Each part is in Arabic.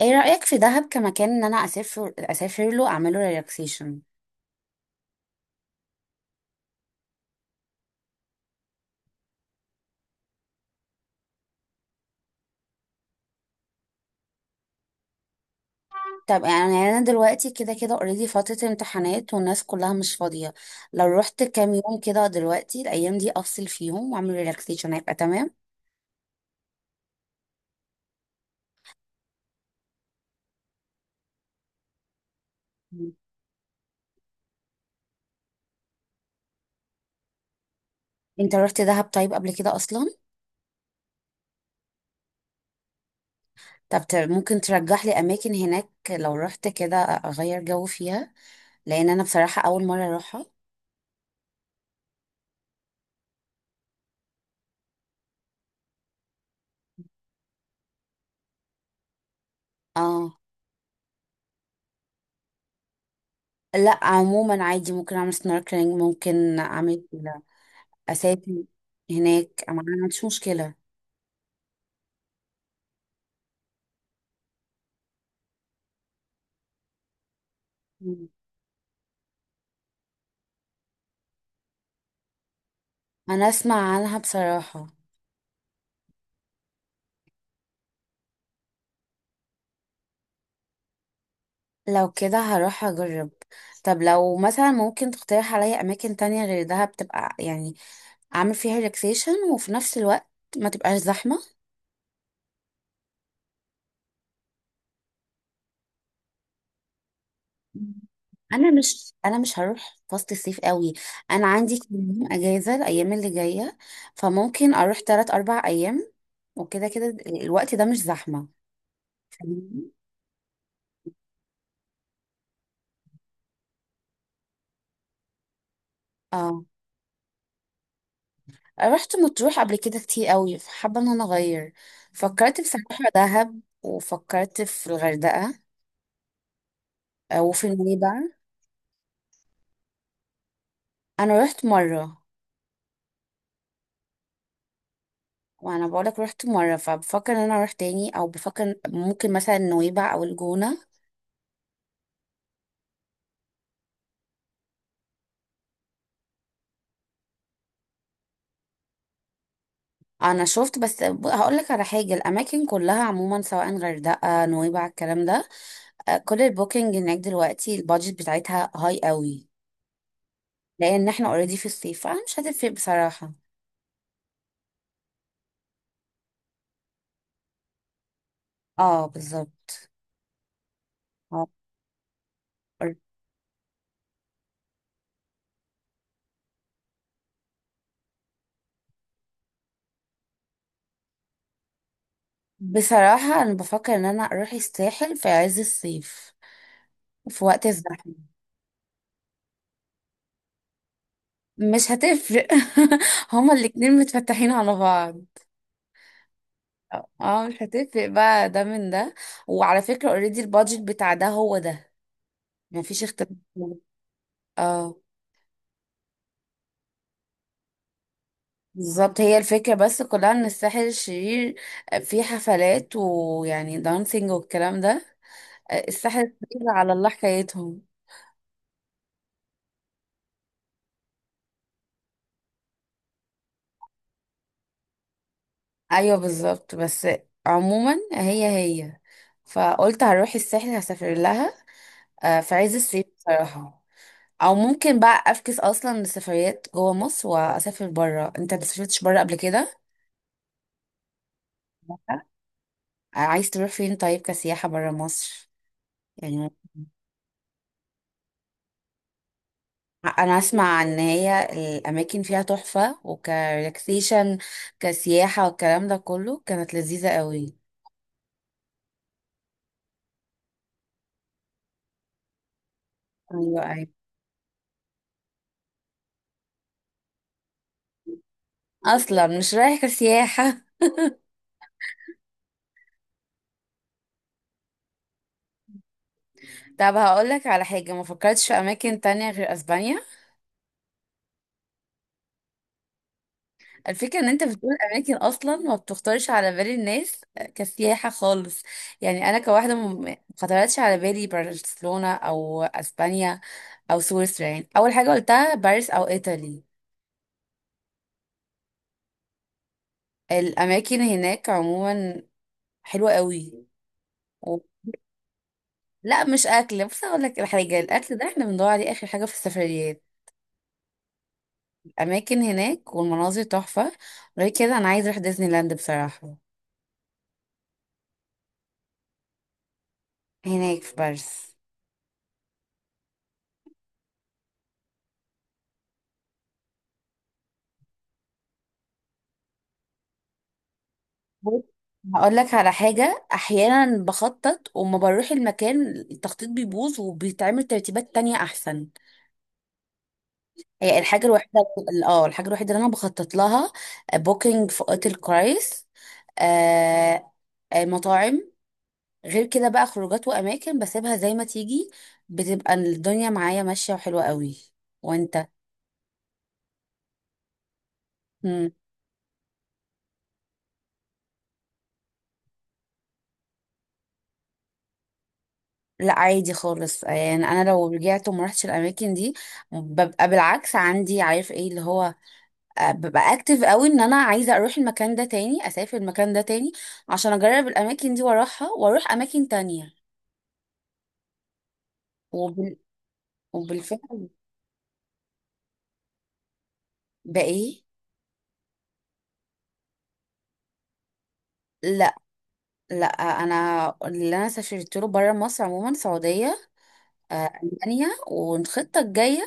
ايه رأيك في دهب كمكان ان انا اسافر له اعمله ريلاكسيشن. طب يعني انا دلوقتي كده كده اوريدي فترة امتحانات والناس كلها مش فاضية. لو رحت كام يوم كده دلوقتي الايام دي افصل فيهم واعمل ريلاكسيشن هيبقى تمام. مم. انت رحت دهب طيب قبل كده اصلا؟ طب ممكن ترجح لي اماكن هناك لو رحت كده اغير جو فيها، لان انا بصراحة اول مرة اروحها. اه، لا عموما عادي، ممكن اعمل سنوركلينج، ممكن اعمل، اسافر هناك، أنا ما عنديش مشكلة. مم. انا اسمع عنها بصراحة. لو كده هروح اجرب. طب لو مثلا ممكن تقترح عليا اماكن تانية غير دهب، تبقى يعني اعمل فيها ريلاكسيشن وفي نفس الوقت ما تبقاش زحمة. مم. انا مش هروح فصل الصيف قوي. انا عندي كام يوم اجازة الايام اللي جاية، فممكن اروح 3 4 ايام، وكده كده الوقت ده مش زحمة. فاهمني؟ اه، رحت مطروح قبل كده كتير قوي، فحابة ان انا اغير. فكرت بصراحة دهب وفكرت في الغردقة، آه، وفي نويبع. انا رحت مرة. وانا بقولك رحت مرة فبفكر ان انا اروح تاني، او بفكر ممكن مثلا نويبع او الجونة. انا شفت بس، هقولك على حاجة، الاماكن كلها عموما سواء غردقة نويبع الكلام ده، آه، كل البوكينج هناك دلوقتي البادجت بتاعتها هاي قوي، لان احنا اوريدي في الصيف فانا مش هتفرق بصراحة. اه، بالظبط. اه، بصراحة أنا بفكر إن أنا أروح الساحل في عز الصيف وفي وقت الزحمة. مش هتفرق. هما الاتنين متفتحين على بعض. اه، مش هتفرق بقى ده من ده. وعلى فكرة اوريدي البادجت بتاع ده هو ده، مفيش اختلاف. اه، بالظبط، هي الفكرة بس كلها ان الساحل الشرير فيه حفلات ويعني دانسينج والكلام ده. آه، الساحل الشرير على الله حكايتهم. ايوه بالظبط، بس عموما هي هي، فقلت هروح الساحل هسافر لها، آه، في عز الصيف بصراحة. او ممكن بقى افكس اصلا لسفريات جوه مصر واسافر بره. انت ما سافرتش بره قبل كده؟ آه، عايز تروح فين طيب كسياحة بره مصر؟ يعني ممكن- انا اسمع ان هي الاماكن فيها تحفة، وكريلاكسيشن كسياحة والكلام ده كله كانت لذيذة قوي. ايوه ايوه، اصلا مش رايح كسياحة. طب هقولك على حاجة، ما فكرتش في اماكن تانية غير اسبانيا؟ الفكرة ان انت بتقول اماكن اصلا ما بتخطرش على بال الناس كسياحة خالص. يعني انا كواحدة ما خطرتش على بالي برشلونة او اسبانيا او سويسرا. يعني اول حاجة قلتها باريس او ايطالي. الاماكن هناك عموما حلوة قوي. و... لا مش اكل، بس اقول لك الحاجة، الاكل ده احنا بندور عليه اخر حاجة في السفريات. الاماكن هناك والمناظر تحفة. غير كده انا عايز اروح ديزني لاند بصراحة. هناك في باريس. بص، هقول لك على حاجة، أحيانا بخطط وما بروح المكان التخطيط بيبوظ وبيتعمل ترتيبات تانية أحسن. هي الحاجة الوحيدة. اه، الحاجة الوحيدة اللي أنا بخطط لها بوكينج في أوتيل كويس، آه، مطاعم. غير كده بقى خروجات وأماكن بسيبها زي ما تيجي، بتبقى الدنيا معايا ماشية وحلوة قوي. وأنت؟ مم. لا عادي خالص، يعني أنا لو رجعت وما رحتش الأماكن دي ببقى بالعكس عندي، عارف ايه اللي هو، ببقى اكتف قوي ان انا عايزه اروح المكان ده تاني، اسافر المكان ده تاني عشان اجرب الاماكن دي واروحها واروح اماكن تانية. وبال... وبالفعل. بقى ايه؟ لا لا، انا سافرت له بره مصر عموما سعوديه، المانيا والخطه الجايه.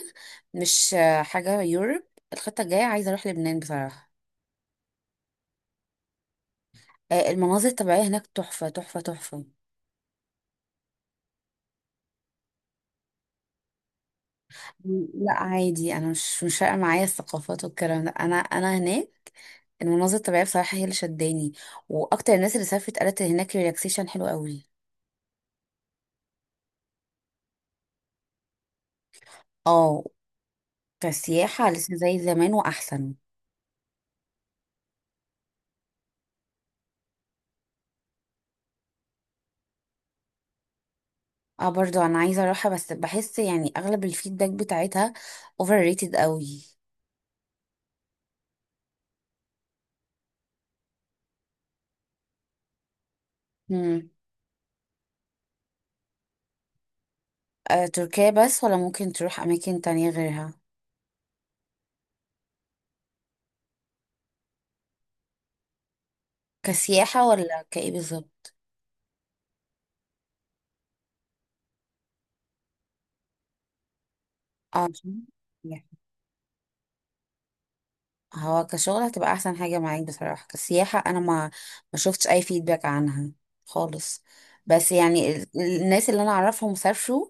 مش حاجه يوروب. الخطه الجايه عايزه اروح لبنان بصراحه. آه، المناظر الطبيعيه هناك تحفه تحفه تحفه. لا عادي، انا مش فارقه معايا الثقافات والكلام ده. انا هناك المناظر الطبيعية بصراحة هي اللي شداني. واكتر الناس اللي سافرت قالت إن هناك ريلاكسيشن حلو قوي. اه، كسياحة لسه زي زمان واحسن. اه برضو انا عايزة اروحها، بس بحس يعني اغلب الفيدباك بتاعتها اوفر ريتد قوي. مم. آه، تركيا بس، ولا ممكن تروح اماكن تانية غيرها؟ كسياحة ولا كايه بالظبط؟ اه. هو كشغل هتبقى احسن حاجة معاك بصراحة. كسياحة انا ما شفتش اي فيدباك عنها خالص. بس يعني الناس اللي انا اعرفهم سافروا،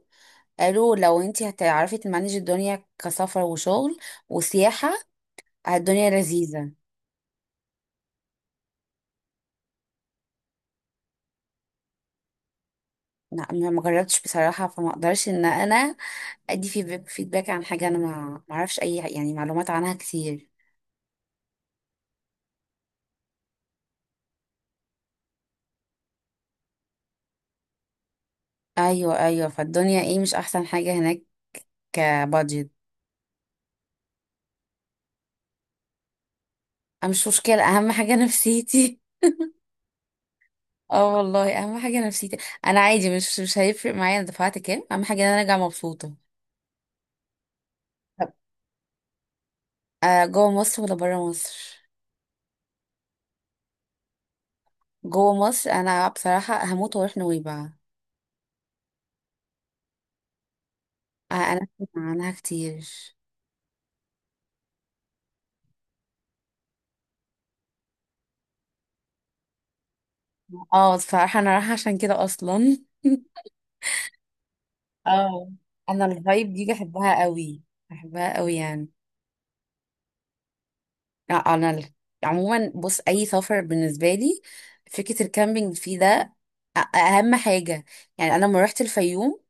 قالوا لو انت هتعرفي تمانج الدنيا كسفر وشغل وسياحة الدنيا لذيذة. لا ما جربتش بصراحة، فما اقدرش ان انا ادي في فيدباك عن حاجة. انا ما اعرفش اي يعني معلومات عنها كتير. ايوه ايوه، فالدنيا ايه مش احسن حاجة هناك كبادجت. أه، مش مشكلة، اهم حاجة نفسيتي. اه والله، اهم حاجة نفسيتي. انا عادي، مش هيفرق معايا انا دفعت كام، اهم حاجة ان انا ارجع مبسوطة. طب جوه مصر ولا بره مصر؟ جوه مصر انا بصراحة هموت واروح نويبع. آه، انا أسمع عنها كتير. اه، فراح انا رايحه عشان كده اصلا. اه، انا الفايب دي بحبها قوي بحبها قوي يعني. آه، انا ال- عموما بص، اي سفر بالنسبه لي فكره الكامبينج فيه ده اهم حاجه. يعني انا لما رحت الفيوم،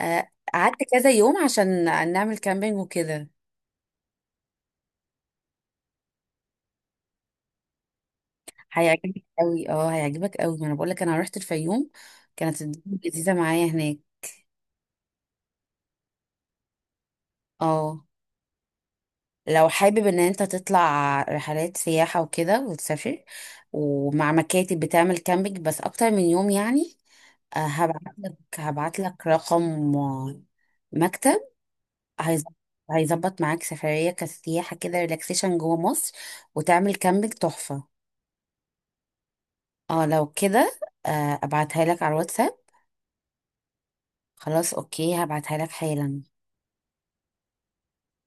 آه، قعدت كذا يوم عشان نعمل كامبينج وكده. هيعجبك قوي، اه، هيعجبك قوي، ما انا بقول لك، انا رحت الفيوم كانت الدنيا لذيذه معايا هناك. اه لو حابب ان انت تطلع رحلات سياحة وكده وتسافر ومع مكاتب بتعمل كامبينج بس اكتر من يوم يعني، آه، هبعت لك رقم مكتب، هيظبط هيظبط معاك سفرية كسياحة كده ريلاكسيشن جوه مصر وتعمل كامبينج تحفة. اه لو كده، ابعتها لك على الواتساب. خلاص اوكي، هبعتها لك حالا.